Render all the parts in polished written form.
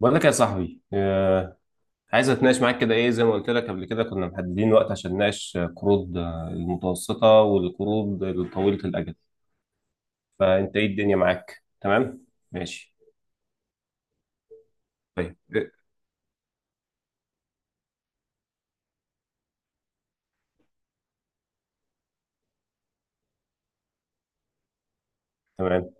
بقول لك يا صاحبي، عايز اتناقش معاك كده ايه، زي ما قلت لك قبل كده كنا محددين وقت عشان نناقش قروض المتوسطة والقروض الطويلة الأجل. فأنت ايه الدنيا معاك؟ تمام. ماشي. طيب إيه؟ تمام.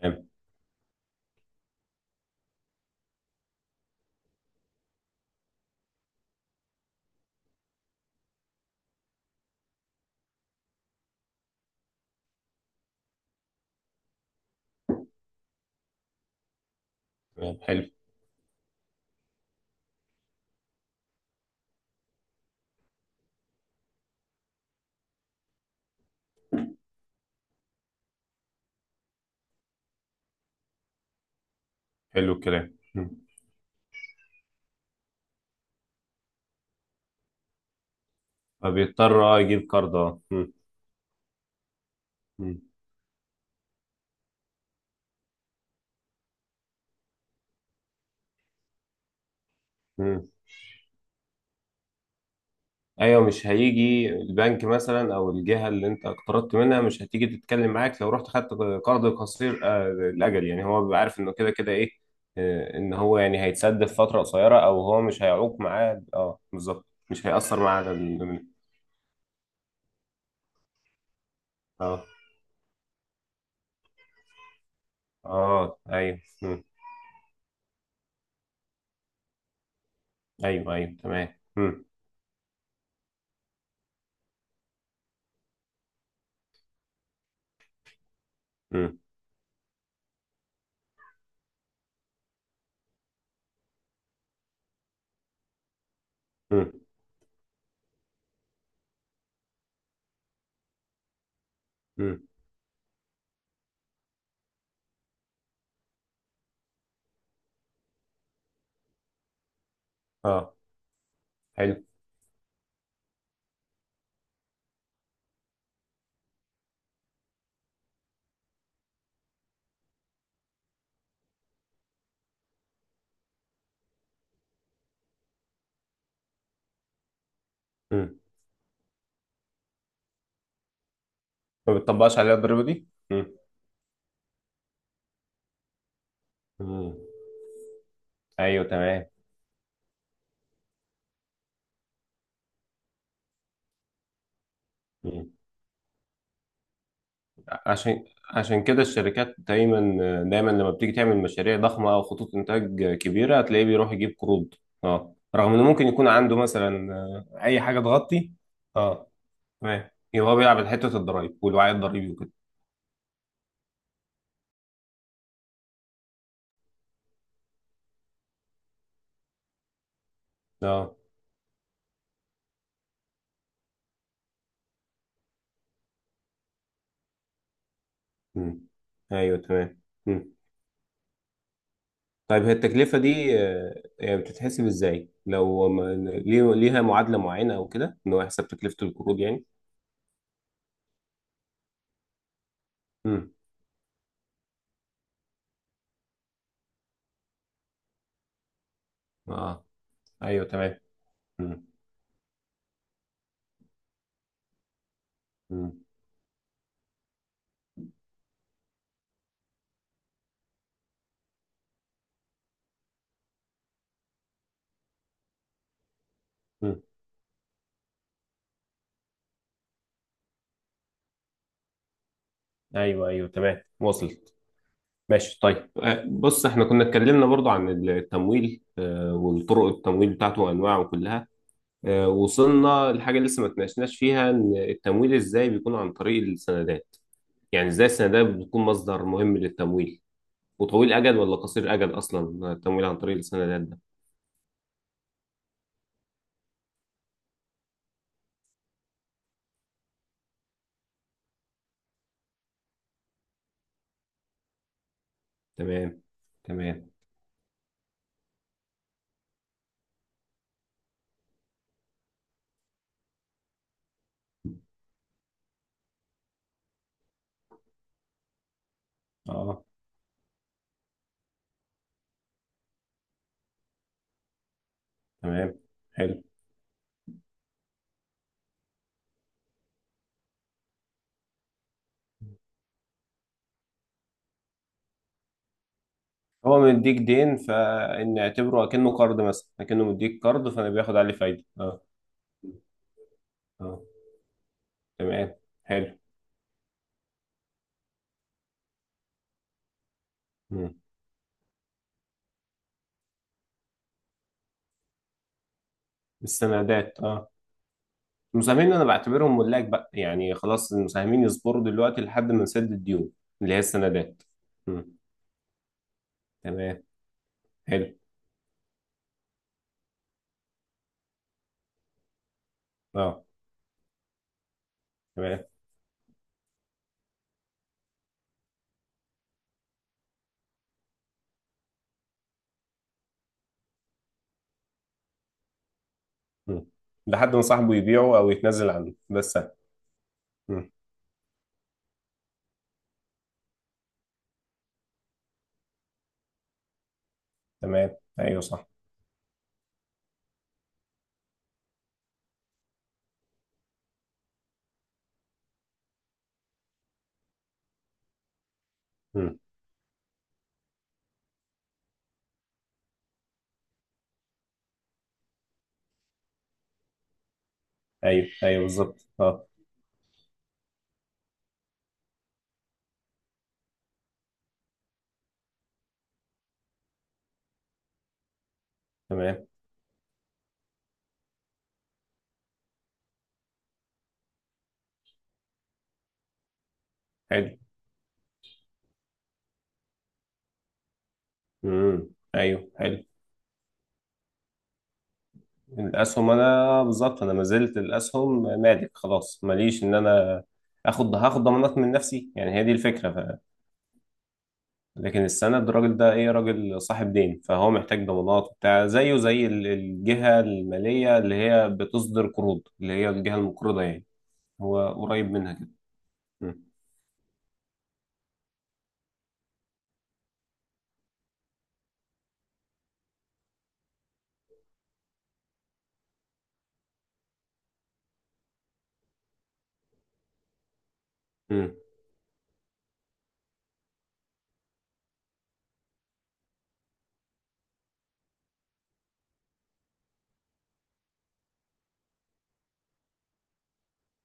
تمام تمام. حلو. حلو الكلام. مم. فبيضطر يجيب كارد مم. مم. ايوه، مش هيجي البنك مثلا او الجهه اللي انت اقترضت منها مش هتيجي تتكلم معاك لو رحت خدت قرض قصير الاجل. يعني هو بيبقى عارف انه كده كده ايه ان هو يعني هيتسد في فتره قصيره، او هو مش هيعوق معاه. اه، بالظبط، مش هيأثر معاه على ال-. اه اه. ايوه. مم. ايوه ايوه تمام. مم. مم. مم. مم. اه. حلو. مم. ما بتطبقش عليها الضريبه دي. مم. مم. ايوه تمام. عشان عشان كده الشركات دايما دايما لما بتيجي تعمل مشاريع ضخمه او خطوط انتاج كبيره هتلاقيه بيروح يجيب قروض. اه، رغم انه ممكن يكون عنده مثلا اي حاجه تغطي. اه. تمام، يبقى هو بيلعب على حته الضرايب والوعي الضريبي وكده. اه. مم. ايوه تمام. مم. طيب، هي التكلفه دي يعني بتتحسب ازاي لو ما-؟ ليها معادله معينه او كده ان هو يحسب تكلفه القروض يعني. مم. اه. ايوه تمام. مم. مم. مم. ايوه ايوه تمام، وصل. ماشي. طيب، بص احنا كنا اتكلمنا برضو عن التمويل، والطرق التمويل بتاعته وانواعه كلها، وصلنا لحاجه لسه ما اتناقشناش فيها ان التمويل ازاي بيكون عن طريق السندات. يعني ازاي السندات بتكون مصدر مهم للتمويل، وطويل اجل ولا قصير اجل اصلا التمويل عن طريق السندات ده؟ تمام. تمام. اه. تمام. حلو. هو مديك دين، فان اعتبره اكنه قرض، مثلا اكنه مديك قرض فانا بياخد عليه فايده. اه. اه. تمام. حلو. مم. السندات. اه. المساهمين انا بعتبرهم ملاك بقى، يعني خلاص المساهمين يصبروا دلوقتي لحد ما نسدد الديون اللي هي السندات. مم. تمام. حلو. اه. تمام. مم. لحد ما صاحبه يبيعه او يتنازل عنه ده السبب. مم. تمام. ايوه صح. مم. ايوه ايوه بالظبط اه. تمام. حلو. مم. ايوه حلو. الاسهم انا بالظبط، انا ما زلت الاسهم مالك خلاص ماليش ان انا هاخد ضمانات من نفسي، يعني هي دي الفكره. لكن السند الراجل ده ايه، راجل صاحب دين فهو محتاج ضمانات وبتاع، زيه زي ال- الجهة المالية اللي هي بتصدر قروض اللي هي الجهة المقرضة يعني. هو قريب منها كده. مم. مم.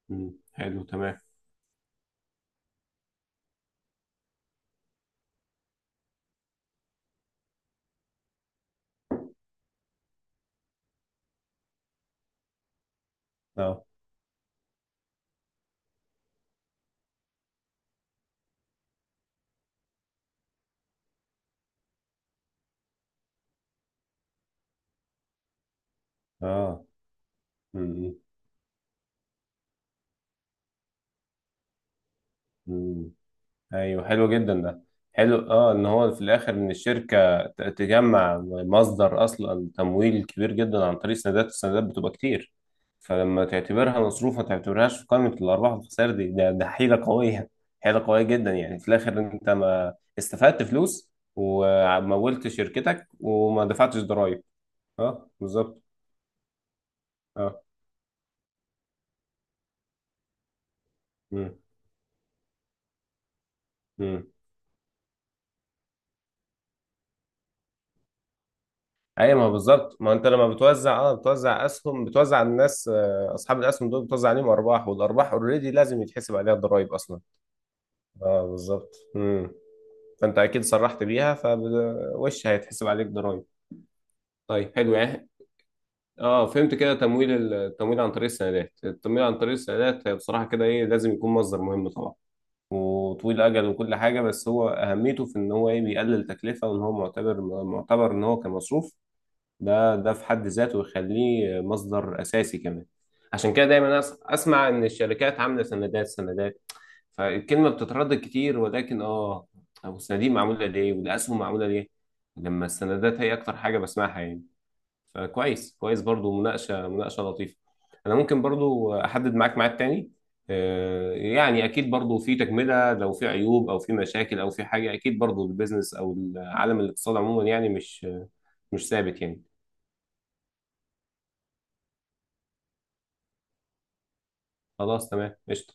مم. حلو تمام. اه. اه. مم. مم. ايوه حلو جدا ده. حلو، اه ان هو في الاخر ان الشركه تجمع مصدر اصلا تمويل كبير جدا عن طريق السندات، السندات بتبقى كتير. فلما تعتبرها مصروف ما تعتبرهاش في قائمه الارباح والخسائر دي ده حيله قويه. حيله قويه جدا، يعني في الاخر انت ما استفدت فلوس ومولت شركتك وما دفعتش ضرائب. اه بالظبط. اه. مم. مم. ايوه، ما بالظبط، ما انت لما بتوزع اه بتوزع اسهم بتوزع على الناس، اصحاب الاسهم دول بتوزع عليهم ارباح والارباح اوريدي لازم يتحسب عليها الضرايب اصلا. اه بالظبط. امم. فانت اكيد صرحت بيها فوش هيتحسب عليك ضرايب. طيب، حلو يعني. اه، فهمت كده تمويل ال- التمويل عن طريق السندات، التمويل عن طريق السندات هي بصراحه كده ايه لازم يكون مصدر مهم طبعا، وطويل الاجل وكل حاجه، بس هو اهميته في ان هو ايه بيقلل تكلفه وان هو معتبر معتبر ان هو كمصروف. ده في حد ذاته يخليه مصدر اساسي كمان. عشان كده دايما اسمع ان الشركات عامله سندات سندات. فالكلمه بتتردد كتير ولكن اه، طب الصناديق معموله ليه والاسهم معموله ليه لما السندات هي اكتر حاجه بسمعها يعني؟ فكويس كويس، برضو مناقشه مناقشه لطيفه. انا ممكن برضو احدد معاك ميعاد تاني، يعني اكيد برضو في تكمله لو في عيوب او في مشاكل او في حاجه، اكيد برضو البيزنس او عالم الاقتصاد عموما يعني مش ثابت يعني. خلاص تمام قشطة.